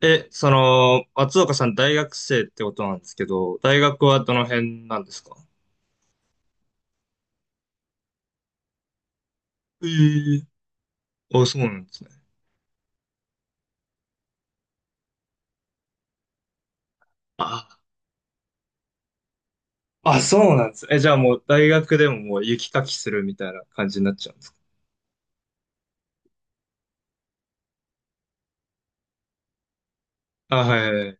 その、松岡さん大学生ってことなんですけど、大学はどの辺なんですか？ええ。あ、そうなんですね。あ、あ、そうなんです。じゃあもう大学でももう雪かきするみたいな感じになっちゃうんですか？あ、はいはいはい。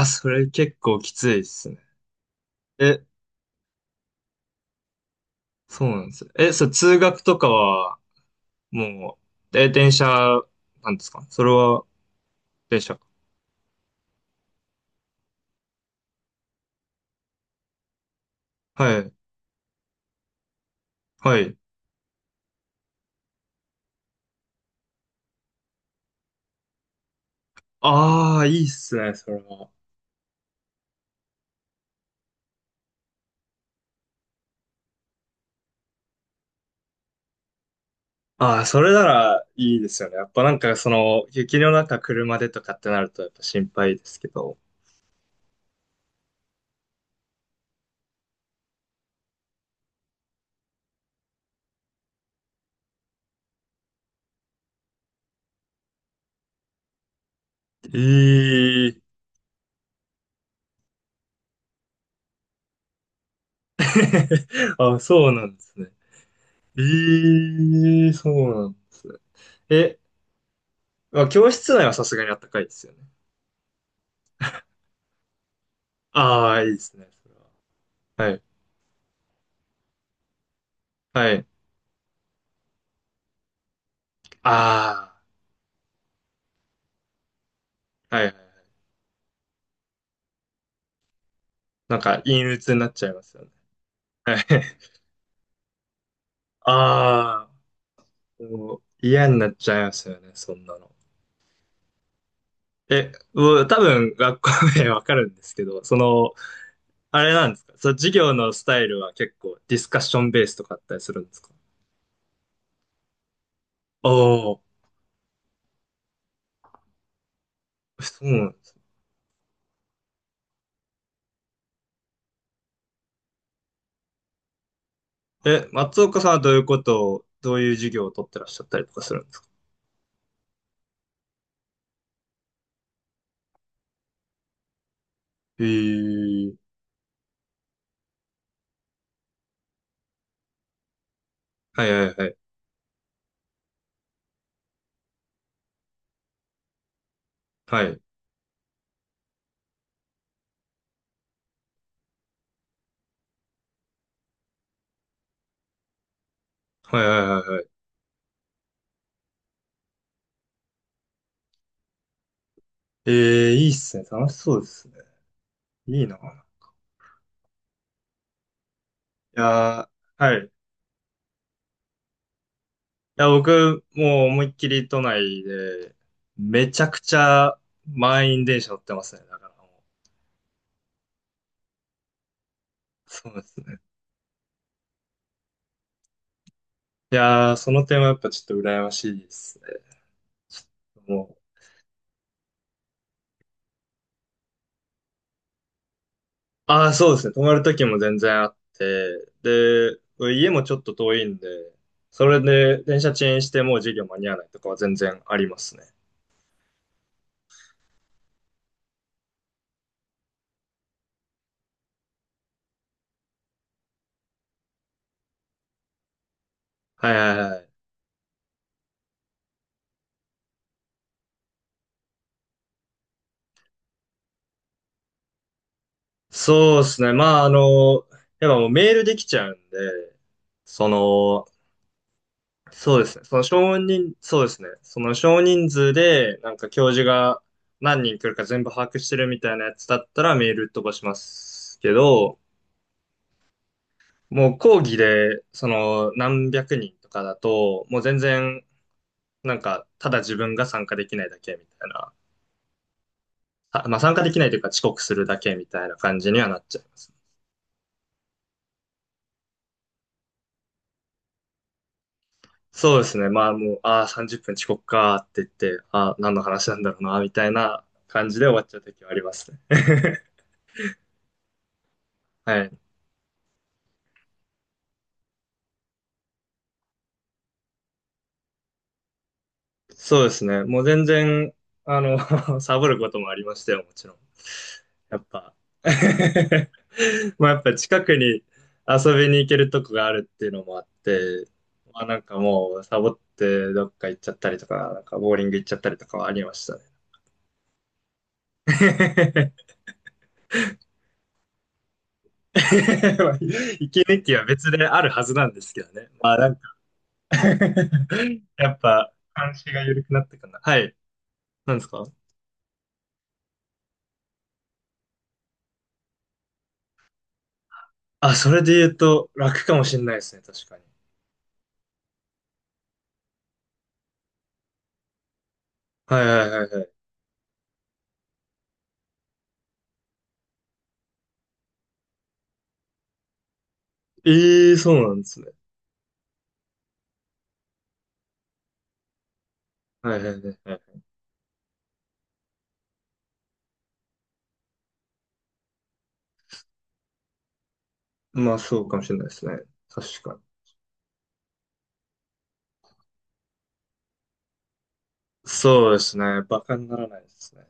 ああ、それ結構きついですね。え、そうなんですね。そう、通学とかは、もう、電車なんですか、それは。電車。はい。はい。ああ、いいっすね、それは。ああ、それならいいですよね。やっぱなんかその、雪の中車でとかってなるとやっぱ心配ですけど。ええ。 あ、そうなんですね。ええ、そうなんですね。え、まあ、教室内はさすがにあったかいですよね。ああ、いいですね。それは。はい。はい。ああ、はいはいはい。なんか陰鬱になっちゃいますよね。はい。ああ、もう嫌になっちゃいますよね、そんなの。もう多分学校名わかるんですけど、その、あれなんですか、その授業のスタイルは結構ディスカッションベースとかあったりするんですか？ああ、そうなんですね。松岡さんはどういうことを、どういう授業を取ってらっしゃったりとかするんですか？へえー。はいはいはい。はい。はいはいはいはい。ええ、いいっすね。楽しそうですね。いいな。いやー、はい。いや、僕、もう思いっきり都内で、めちゃくちゃ満員電車乗ってますね。だからもう。そうですね。いやー、その点はやっぱちょっと羨ましいですね。もう、ああ、そうですね。泊まる時も全然あって、で、家もちょっと遠いんで、それで電車遅延してもう授業間に合わないとかは全然ありますね。はいはいはい。そうですね。まあ、あの、やっぱもうメールできちゃうんで、その、そうですね。その少人、そうですね。その少人数で、なんか教授が何人来るか全部把握してるみたいなやつだったらメール飛ばしますけど、もう講義で、その何百人とかだと、もう全然、なんか、ただ自分が参加できないだけみたいな。あまあ参加できないというか遅刻するだけみたいな感じにはなっちゃいます。そうですね。まあもう、ああ、30分遅刻かって言って、ああ、何の話なんだろうな、みたいな感じで終わっちゃう時はありますね。はい。そうですね。もう全然、あの、サボることもありましたよ、もちろん。やっぱ。まあやっぱ近くに遊びに行けるとこがあるっていうのもあって、まあなんかもうサボってどっか行っちゃったりとか、なんかボーリング行っちゃったりとかはありましたね。まあ息抜きは別であるはずなんですけどね。まあなんか やっぱ監視が緩くなってかな。はい。なんですか？あ、それで言うと楽かもしれないですね、確かに。はいはいはいはい。ええ、そうなんですね。はいはいはいはい。まあそうかもしれないですね。確かに。そうですね。バカにならないですね。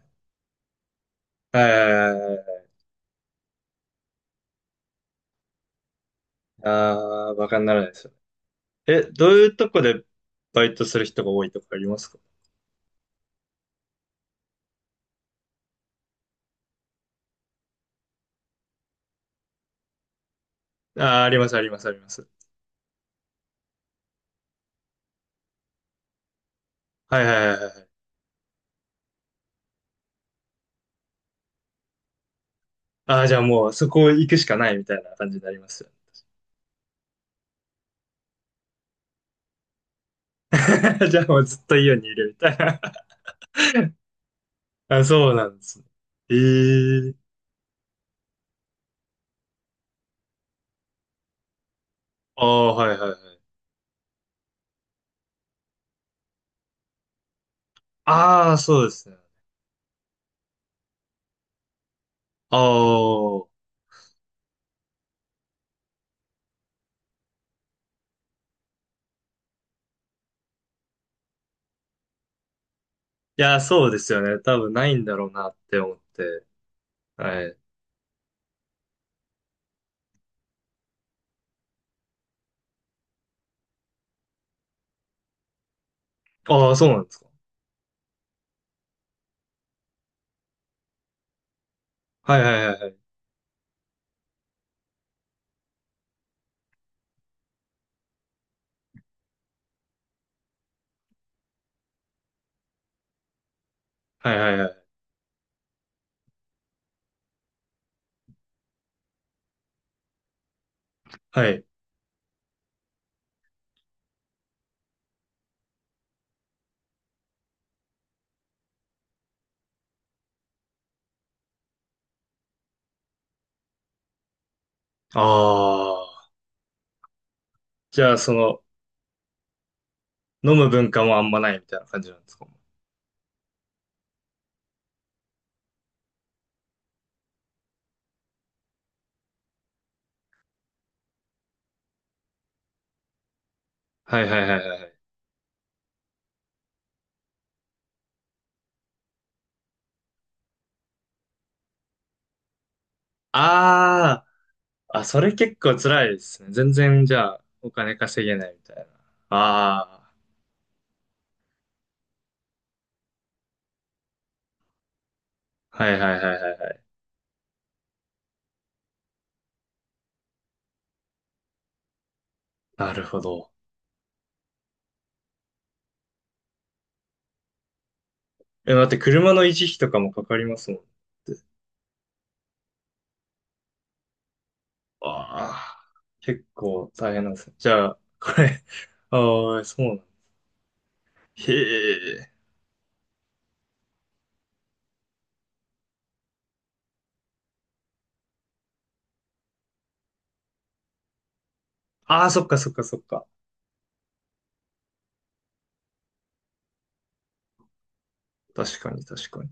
はいはいはいはい。ああ、バカにならないですよね。どういうとこでバイトする人が多いとかありますか？ああー、ありますありますあります。はいはいはいはい。ああ、じゃあもうそこ行くしかないみたいな感じになりますよね。じゃあもうずっと家にいるみたいな。あ、そうなんですね。ええ。ああ、はいはいはい。ああ、そうですね。ああ。いや、そうですよね。多分ないんだろうなって思って。はい。ああ、そうなんですか。はいはいはいはい。はいはいはい。ああ。じゃあ、その、飲む文化もあんまないみたいな感じなんですか。はいはいはいはいはい。ああ。あ、それ結構辛いですね。全然、じゃあ、お金稼げないみたいな。ああ。はいはいはいはいはい。なるほど。待って、車の維持費とかもかかりますもんね。ああ。結構大変なんですね。じゃあ、これ、ああ、そうなんだ。へえ。ああ、そっかそっかそっか。確かに確かに。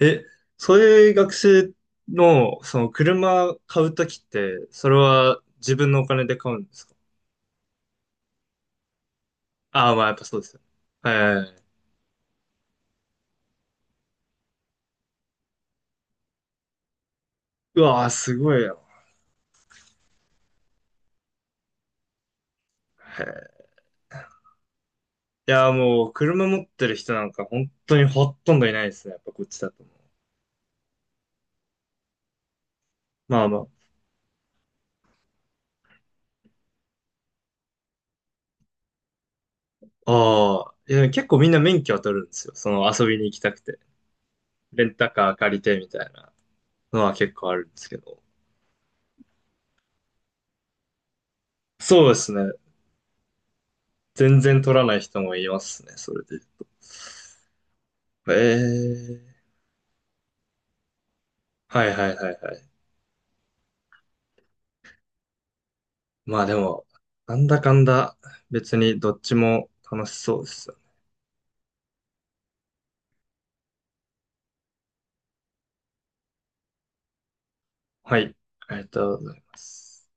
え、そういう学生の、その車買うときって、それは自分のお金で買うんですか？ああー、まあやっぱそうですよね。え、うわあ、すごいよ。へえ。いやー、もう、車持ってる人なんか本当にほとんどいないですね。やっぱこっちだと。まあまあ。ああ。いや、結構みんな免許は取るんですよ。その遊びに行きたくて。レンタカー借りてみたいなのは結構あるんですけど。そうですね。全然取らない人もいますね、それで。ええ。はいはいはいはい。まあでも、なんだかんだ、別にどっちも楽しそうですよね。はい、ありがとうございます。